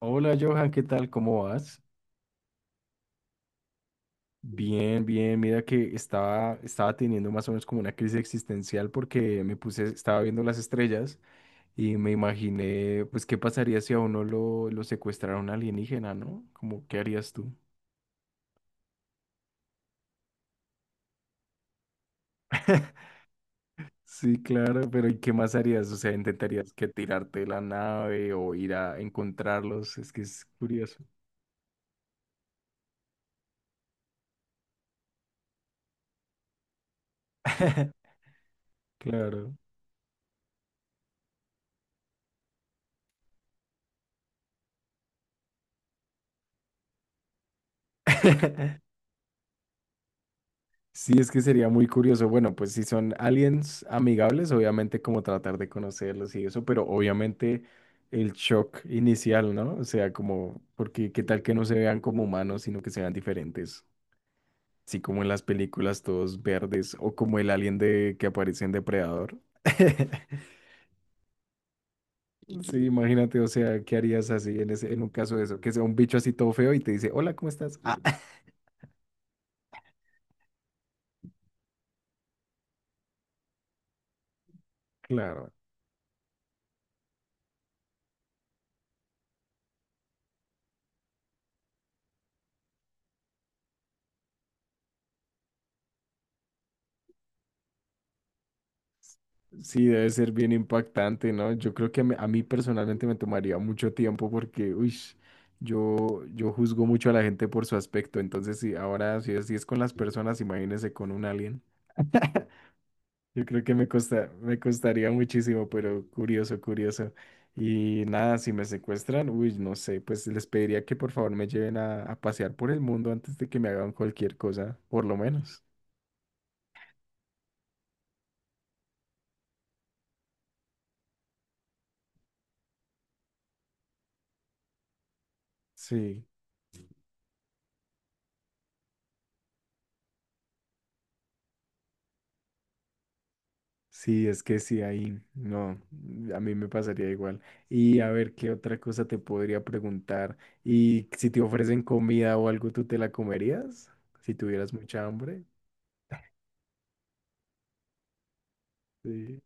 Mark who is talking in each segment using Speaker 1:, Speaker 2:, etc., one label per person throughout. Speaker 1: Hola Johan, ¿qué tal? ¿Cómo vas? Bien, bien. Mira que estaba teniendo más o menos como una crisis existencial porque me puse, estaba viendo las estrellas y me imaginé, pues, qué pasaría si a uno lo secuestrara un alienígena, ¿no? Como, ¿qué harías tú? Sí, claro, pero ¿y qué más harías? O sea, ¿intentarías que tirarte de la nave o ir a encontrarlos? Es que es curioso. Claro. Sí, es que sería muy curioso. Bueno, pues si son aliens amigables, obviamente como tratar de conocerlos y eso, pero obviamente el shock inicial, ¿no? O sea, como, porque qué tal que no se vean como humanos, sino que sean diferentes. Así como en las películas todos verdes o como el alien de que aparece en Depredador. Sí, imagínate, o sea, ¿qué harías así en ese, en un caso de eso? Que sea un bicho así todo feo y te dice, hola, ¿cómo estás? Ah, claro. Sí, debe ser bien impactante, ¿no? Yo creo que a mí personalmente me tomaría mucho tiempo porque, uy, yo juzgo mucho a la gente por su aspecto, entonces sí, ahora si es con las personas, imagínese con un alien. Yo creo que me costaría muchísimo, pero curioso, curioso. Y nada, si me secuestran, uy, no sé, pues les pediría que por favor me lleven a pasear por el mundo antes de que me hagan cualquier cosa, por lo menos. Sí. Sí, es que sí, ahí no, a mí me pasaría igual. Y a ver, ¿qué otra cosa te podría preguntar? Y si te ofrecen comida o algo, ¿tú te la comerías? Si tuvieras mucha hambre. Sí.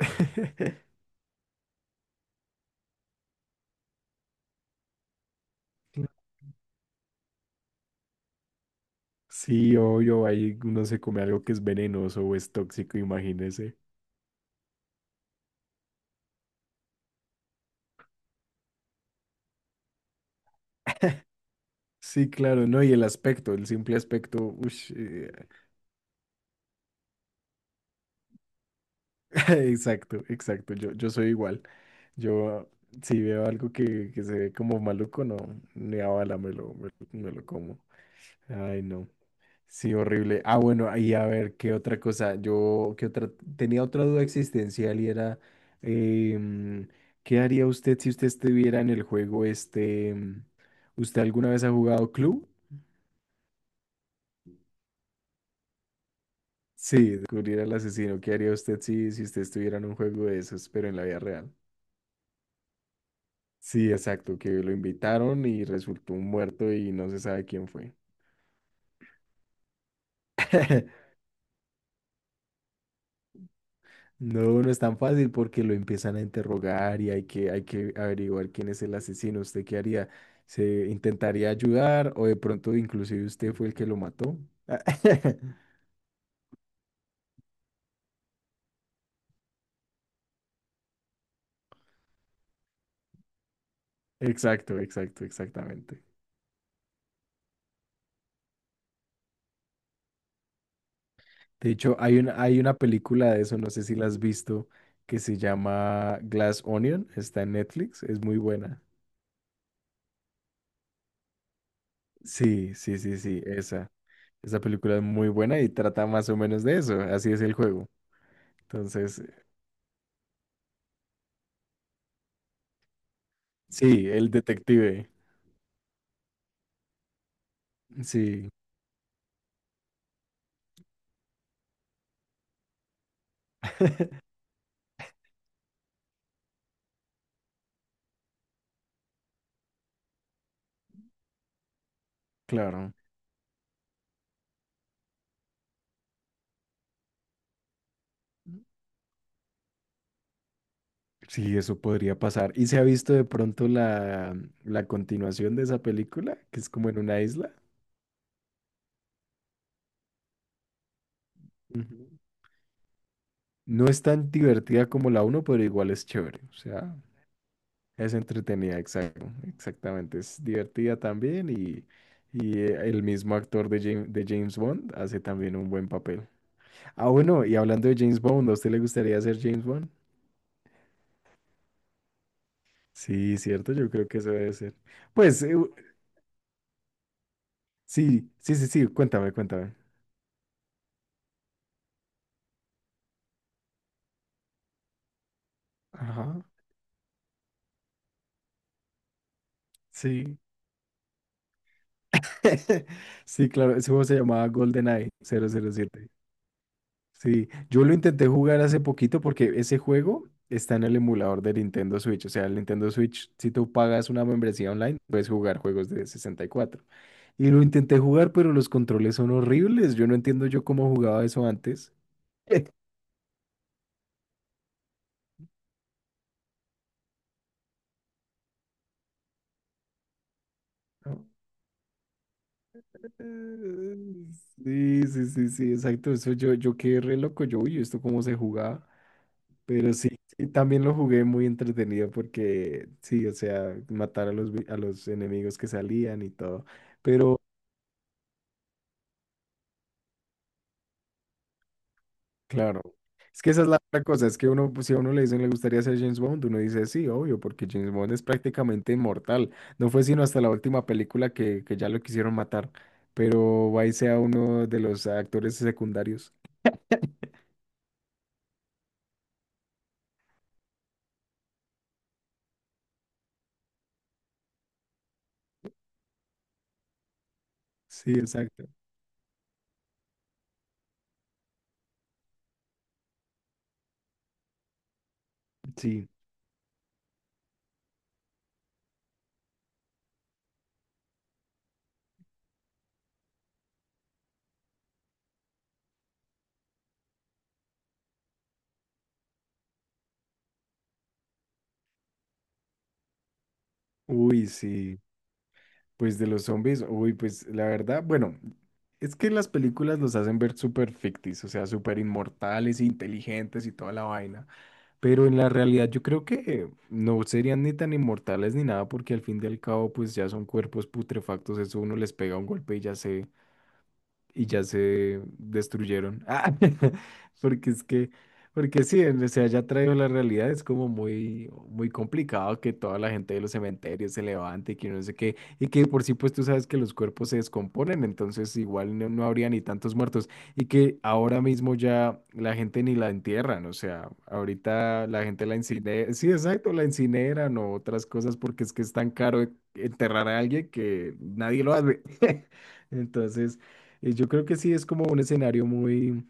Speaker 1: Sí, obvio, ahí uno se come algo que es venenoso o es tóxico, imagínese. Sí, claro, no, y el aspecto, el simple aspecto, ush, exacto, exacto, yo soy igual. Yo, si veo algo que se ve como maluco, no, ni a bala me lo, me, lo me lo como. Ay, no. Sí, horrible. Ah, bueno, ahí a ver, ¿qué otra cosa? Yo, ¿qué otra? Tenía otra duda existencial y era, em, ¿qué haría usted si usted estuviera en el juego este? ¿Usted alguna vez ha jugado Clue? Sí, descubrir al asesino. ¿Qué haría usted si usted estuviera en un juego de esos, pero en la vida real? Sí, exacto, que lo invitaron y resultó un muerto y no se sabe quién fue. No, no es tan fácil porque lo empiezan a interrogar y hay que averiguar quién es el asesino. ¿Usted qué haría? ¿Se intentaría ayudar o de pronto inclusive usted fue el que lo mató? Exacto, exacto, exactamente. De hecho, hay una película de eso, no sé si la has visto, que se llama Glass Onion, está en Netflix, es muy buena. Sí, sí, sí, sí, esa. Esa película es muy buena y trata más o menos de eso, así es el juego. Entonces, sí, el detective. Sí, claro, sí, eso podría pasar. ¿Y se ha visto de pronto la continuación de esa película, que es como en una isla? Ujú. No es tan divertida como la uno, pero igual es chévere. O sea, es entretenida, exacto, exactamente. Es divertida también y el mismo actor de James Bond hace también un buen papel. Ah, bueno, y hablando de James Bond, ¿a usted le gustaría ser James Bond? Sí, cierto, yo creo que eso debe ser. Pues sí, sí, sí, sí, cuéntame, cuéntame. Ajá, sí. Sí, claro, ese juego se llamaba GoldenEye cero cero siete. Sí, yo lo intenté jugar hace poquito porque ese juego está en el emulador de Nintendo Switch. O sea, el Nintendo Switch, si tú pagas una membresía online, puedes jugar juegos de 64. Y cuatro. Y lo intenté jugar, pero los controles son horribles. Yo no entiendo yo cómo jugaba eso antes. ¿no? Eh, Sí, sí, sí, sí, exacto. Eso yo, yo quedé re loco. Yo, uy, ¿esto cómo se jugaba? Pero sí, sí, también lo jugué muy entretenido porque sí, o sea, matar a los, a los enemigos que salían y todo. Pero claro, es que esa es la otra cosa, es que uno, pues, si a uno le dicen le gustaría ser James Bond, uno dice sí, obvio, porque James Bond es prácticamente inmortal. No fue sino hasta la última película que ya lo quisieron matar, pero ahí sea uno de los actores secundarios. Sí, exacto. Sí, uy, sí. Pues de los zombies, uy, pues la verdad, bueno, es que las películas los hacen ver súper ficticios, o sea, súper inmortales, inteligentes y toda la vaina, pero en la realidad yo creo que no serían ni tan inmortales ni nada, porque al fin y al cabo, pues ya son cuerpos putrefactos, eso uno les pega un golpe y ya se destruyeron. Ah, porque es que, porque sí, en- o sea, ya traigo la realidad, es como muy, muy complicado que toda la gente de los cementerios se levante y que no sé qué, y que por sí, pues tú sabes que los cuerpos se descomponen, entonces igual no habría ni tantos muertos, y que ahora mismo ya la gente ni la entierran, o sea, ahorita la gente la incinera, sí, exacto, la incineran o otras cosas, porque es que es tan caro enterrar a alguien que nadie lo hace. Entonces, yo creo que sí es como un escenario muy,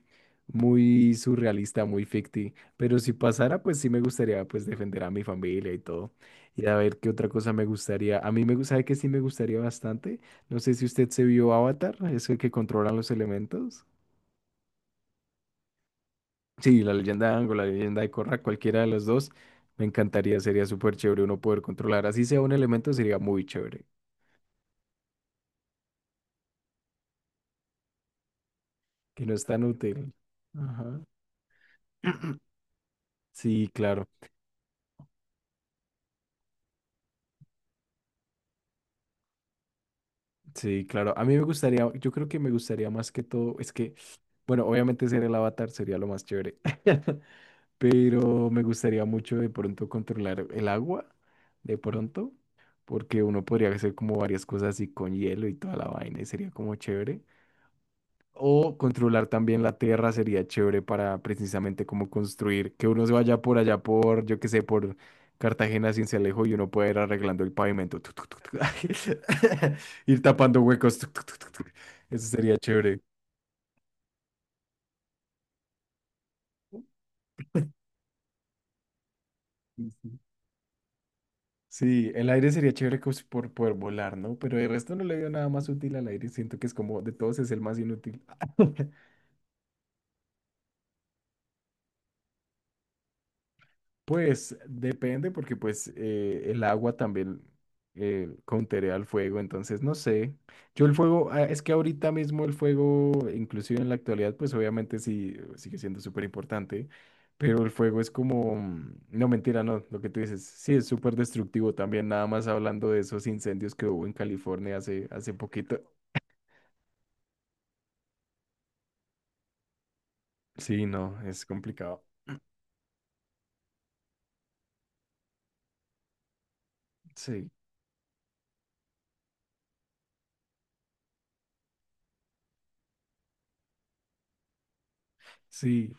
Speaker 1: muy surrealista, muy ficti. Pero si pasara, pues sí me gustaría pues defender a mi familia y todo. Y a ver qué otra cosa me gustaría. A mí me gustaría que sí me gustaría bastante. No sé si usted se vio Avatar, es el que controlan los elementos. Sí, la leyenda de Aang la leyenda de Korra, cualquiera de las dos, me encantaría, sería súper chévere uno poder controlar. Así sea un elemento, sería muy chévere, que no es tan útil. Ajá. Sí, claro. Sí, claro. A mí me gustaría, yo creo que me gustaría más que todo, es que, bueno, obviamente ser el avatar sería lo más chévere, pero me gustaría mucho de pronto controlar el agua, de pronto, porque uno podría hacer como varias cosas así con hielo y toda la vaina y sería como chévere. O controlar también la tierra sería chévere para precisamente como construir, que uno se vaya por allá por, yo qué sé, por Cartagena, Cincelejo y uno pueda ir arreglando el pavimento. Tuc, tuc, tuc, tuc, ir tapando huecos. Tuc, tuc, tuc, tuc, tuc. Eso sería chévere. Sí, sí. Sí, el aire sería chévere por poder volar, ¿no? Pero el resto no le veo nada más útil al aire. Siento que es como de todos es el más inútil. Pues depende porque pues el agua también counterea al fuego, entonces no sé. Yo el fuego, ah, es que ahorita mismo el fuego, inclusive en la actualidad, pues obviamente sí sigue siendo súper importante, pero el fuego es como, no mentira, no, lo que tú dices, sí es súper destructivo también, nada más hablando de esos incendios que hubo en California hace poquito. Sí, no, es complicado. Sí, sí,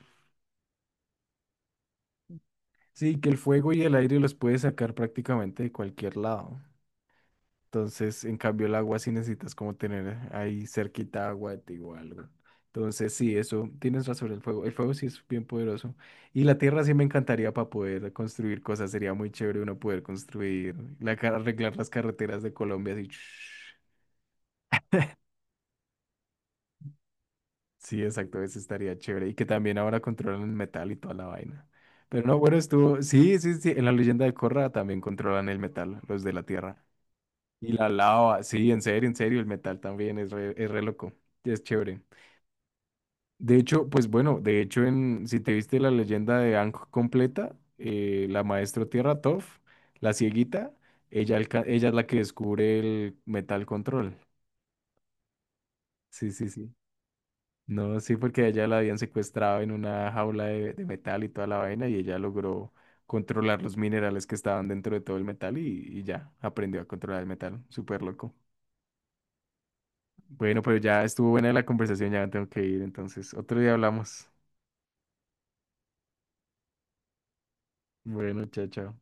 Speaker 1: sí, que el fuego y el aire los puede sacar prácticamente de cualquier lado. Entonces, en cambio, el agua sí necesitas como tener ahí cerquita agua de ti o algo. Entonces, sí, eso, tienes razón, el fuego. El fuego sí es bien poderoso. Y la tierra sí me encantaría para poder construir cosas. Sería muy chévere uno poder construir, arreglar las carreteras de Colombia así. Sí, exacto, eso estaría chévere. Y que también ahora controlan el metal y toda la vaina. Pero no, bueno, estuvo. Sí, sí, sí. En la leyenda de Korra también controlan el metal, los de la tierra. Y la lava, sí, en serio, el metal también es re loco, es chévere. De hecho, pues bueno, de hecho, si te viste la leyenda de Aang completa, la maestro Tierra Toph, la cieguita, ella, ella es la que descubre el metal control. Sí, sí, sí. No, sí, porque a ella la habían secuestrado en una jaula de metal y toda la vaina, y ella logró controlar los minerales que estaban dentro de todo el metal y ya aprendió a controlar el metal, súper loco. Bueno, pero ya estuvo buena la conversación, ya tengo que ir, entonces otro día hablamos. Bueno, chao, chao.